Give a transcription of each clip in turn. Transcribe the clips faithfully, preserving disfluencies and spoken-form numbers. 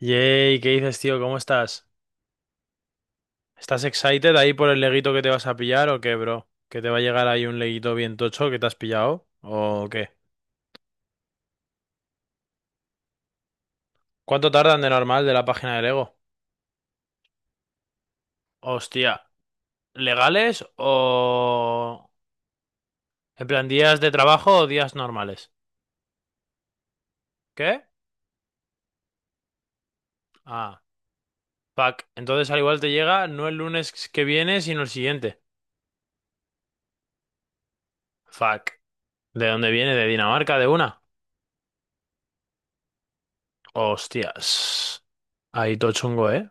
Yay, ¿qué dices, tío? ¿Cómo estás? ¿Estás excited ahí por el leguito que te vas a pillar o qué, bro? ¿Que te va a llegar ahí un leguito bien tocho que te has pillado? ¿O qué? ¿Cuánto tardan de normal de la página de Lego? Hostia, ¿legales o? ¿En plan, días de trabajo o días normales? ¿Qué? Ah, fuck. Entonces al igual te llega no el lunes que viene, sino el siguiente. Fuck. ¿De dónde viene? ¿De Dinamarca? ¿De una? Hostias. Ahí todo chungo, ¿eh?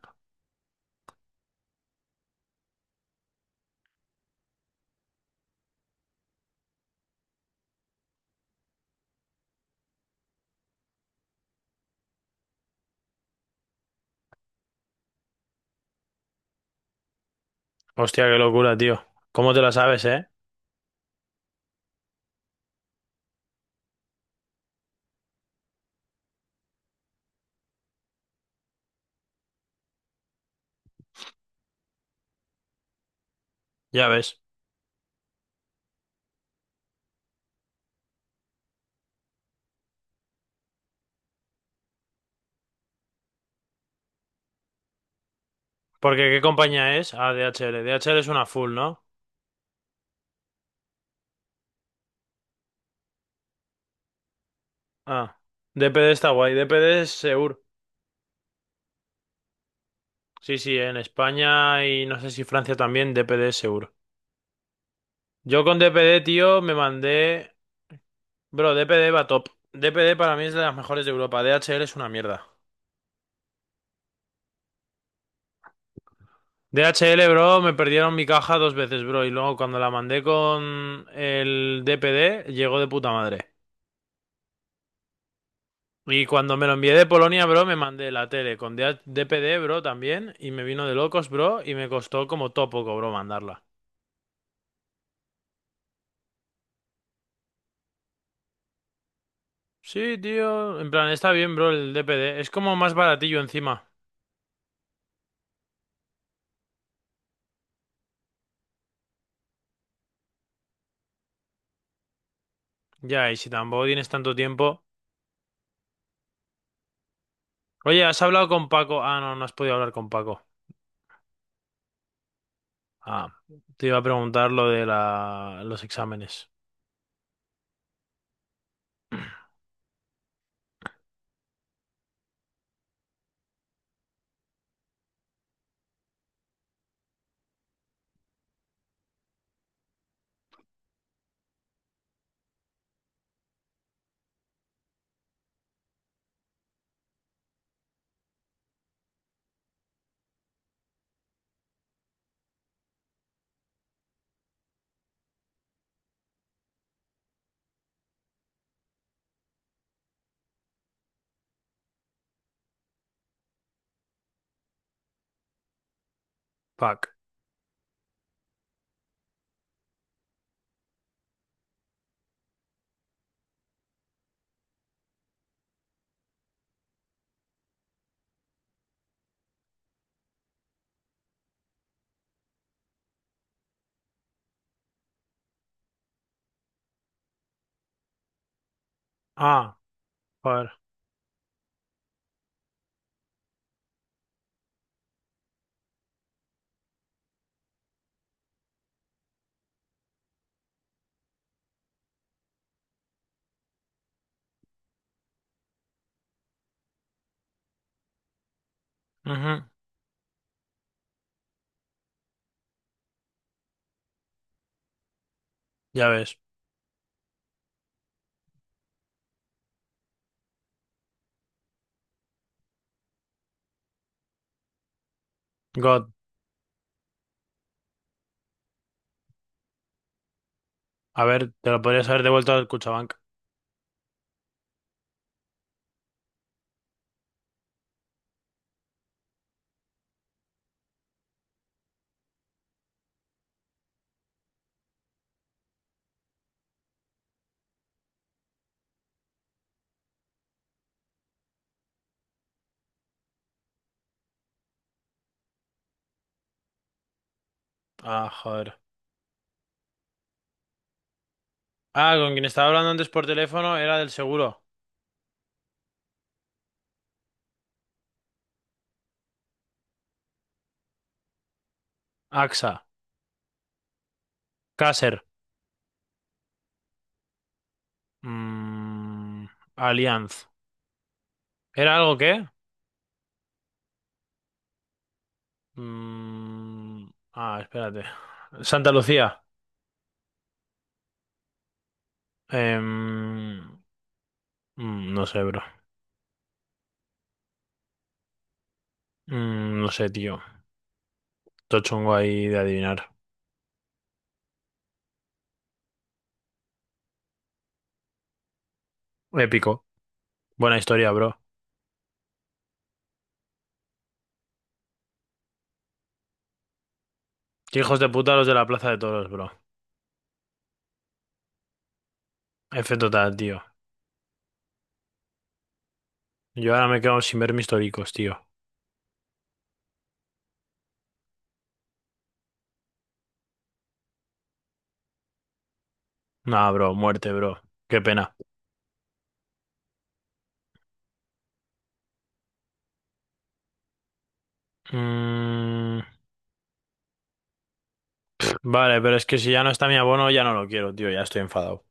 Hostia, qué locura, tío. ¿Cómo te la sabes, eh? Ya ves. Porque, ¿qué compañía es? Ah, D H L. D H L es una full, ¿no? Ah. DPD está guay. D P D es Seur. Sí, sí, en España y no sé si Francia también, D P D es Seur. Yo con D P D, tío, me mandé. Bro, D P D va top. D P D para mí es de las mejores de Europa. D H L es una mierda. D H L, bro, me perdieron mi caja dos veces, bro. Y luego cuando la mandé con el D P D, llegó de puta madre. Y cuando me lo envié de Polonia, bro, me mandé la tele con D H D P D, bro, también. Y me vino de locos, bro. Y me costó como todo poco, bro, mandarla. Sí, tío. En plan, está bien, bro, el D P D. Es como más baratillo encima. Ya, y si tampoco tienes tanto tiempo. Oye, ¿has hablado con Paco? Ah, no, no has podido hablar con Paco. Ah, te iba a preguntar lo de la... los exámenes. Fuck. Ah, joder. Ujú, ya ves. God. A ver, te lo podrías haber devuelto al Cuchabank. Ah, joder. Ah, con quien estaba hablando antes por teléfono era del seguro. AXA, Caser, mm, Allianz. ¿Era algo qué? Mm, ah, espérate. Santa Lucía. Em, mm, no sé, bro. Mm, no sé, tío. Todo chungo ahí de adivinar. Épico. Buena historia, bro. Qué hijos de puta los de la Plaza de Toros, bro. F total, tío. Yo ahora me quedo sin ver mis toricos, tío. Nah, bro. Muerte, bro. Qué pena. Mm, Vale, pero es que si ya no está mi abono, ya no lo quiero, tío, ya estoy enfadado.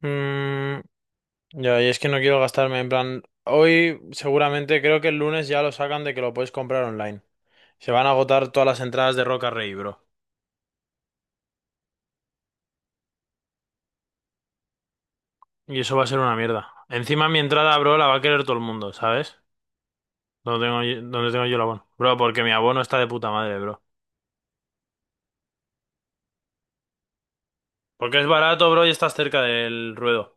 Mm, ya, y es que no quiero gastarme, en plan, hoy seguramente creo que el lunes ya lo sacan de que lo puedes comprar online. Se van a agotar todas las entradas de Roca Rey, bro. Y eso va a ser una mierda. Encima mi entrada, bro, la va a querer todo el mundo, ¿sabes? ¿Dónde tengo yo- dónde tengo yo el abono? Bro, porque mi abono está de puta madre, bro. Porque es barato, bro, y estás cerca del ruedo.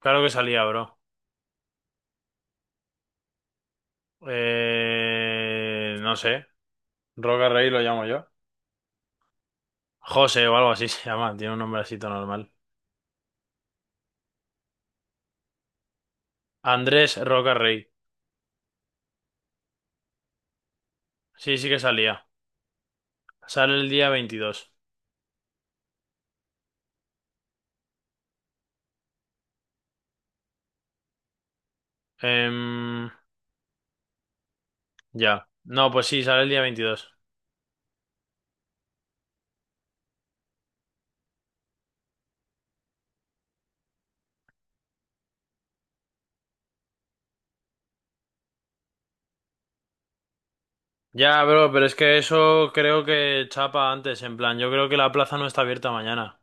Claro que salía, bro. Eh... No sé. Roca Rey lo llamo yo. José o algo así se llama, tiene un nombrecito normal. Andrés Roca Rey. Sí, sí que salía. Sale el día veintidós. Em, ya. No, pues sí, sale el día veintidós. Ya, bro, pero es que eso creo que chapa antes, en plan, yo creo que la plaza no está abierta mañana.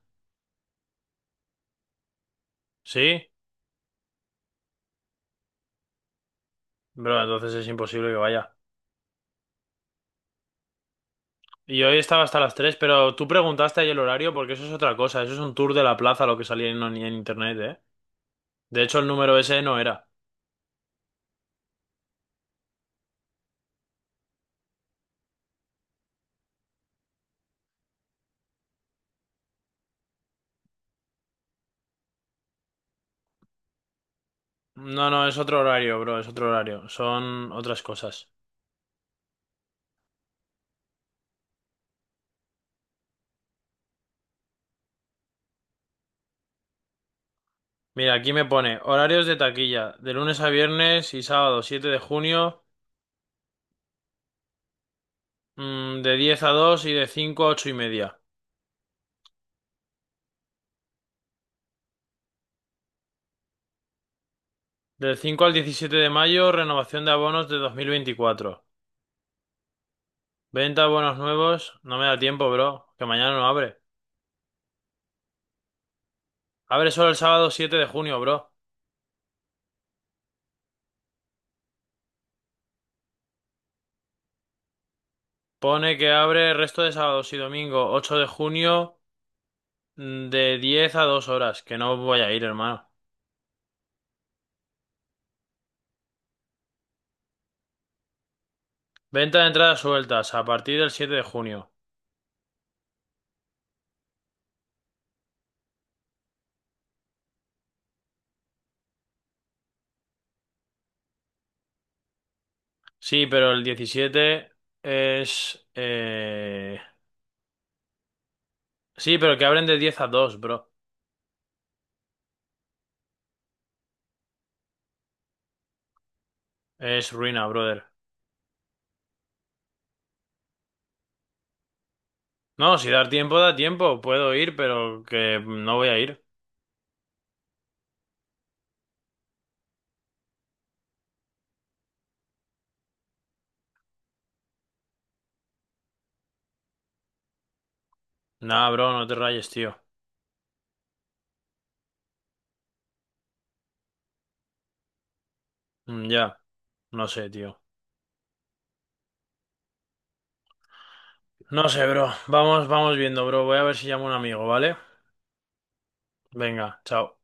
¿Sí? Bro, entonces es imposible que vaya. Y hoy estaba hasta las tres, pero tú preguntaste ahí el horario porque eso es otra cosa, eso es un tour de la plaza lo que salía en, en internet, ¿eh? De hecho, el número ese no era. No, no, es otro horario, bro, es otro horario. Son otras cosas. Mira, aquí me pone horarios de taquilla, de lunes a viernes y sábado siete de junio, mm, de diez a dos y de cinco a ocho y media. Del cinco al diecisiete de mayo, renovación de abonos de dos mil veinticuatro. Venta de abonos nuevos, no me da tiempo, bro, que mañana no abre. Abre solo el sábado siete de junio, bro. Pone que abre el resto de sábados y domingo ocho de junio, mm, de diez a dos horas, que no voy a ir, hermano. Venta de entradas sueltas a partir del siete de junio. Sí, pero el diecisiete, es... eh, sí, pero que abren de diez a dos, bro. Es ruina, brother. No, si dar tiempo, da tiempo. Puedo ir, pero que no voy a ir. Nah, bro, no te rayes, tío. Mm, Ya, no sé, tío. No sé, bro. Vamos, vamos viendo, bro. Voy a ver si llamo a un amigo, ¿vale? Venga, chao.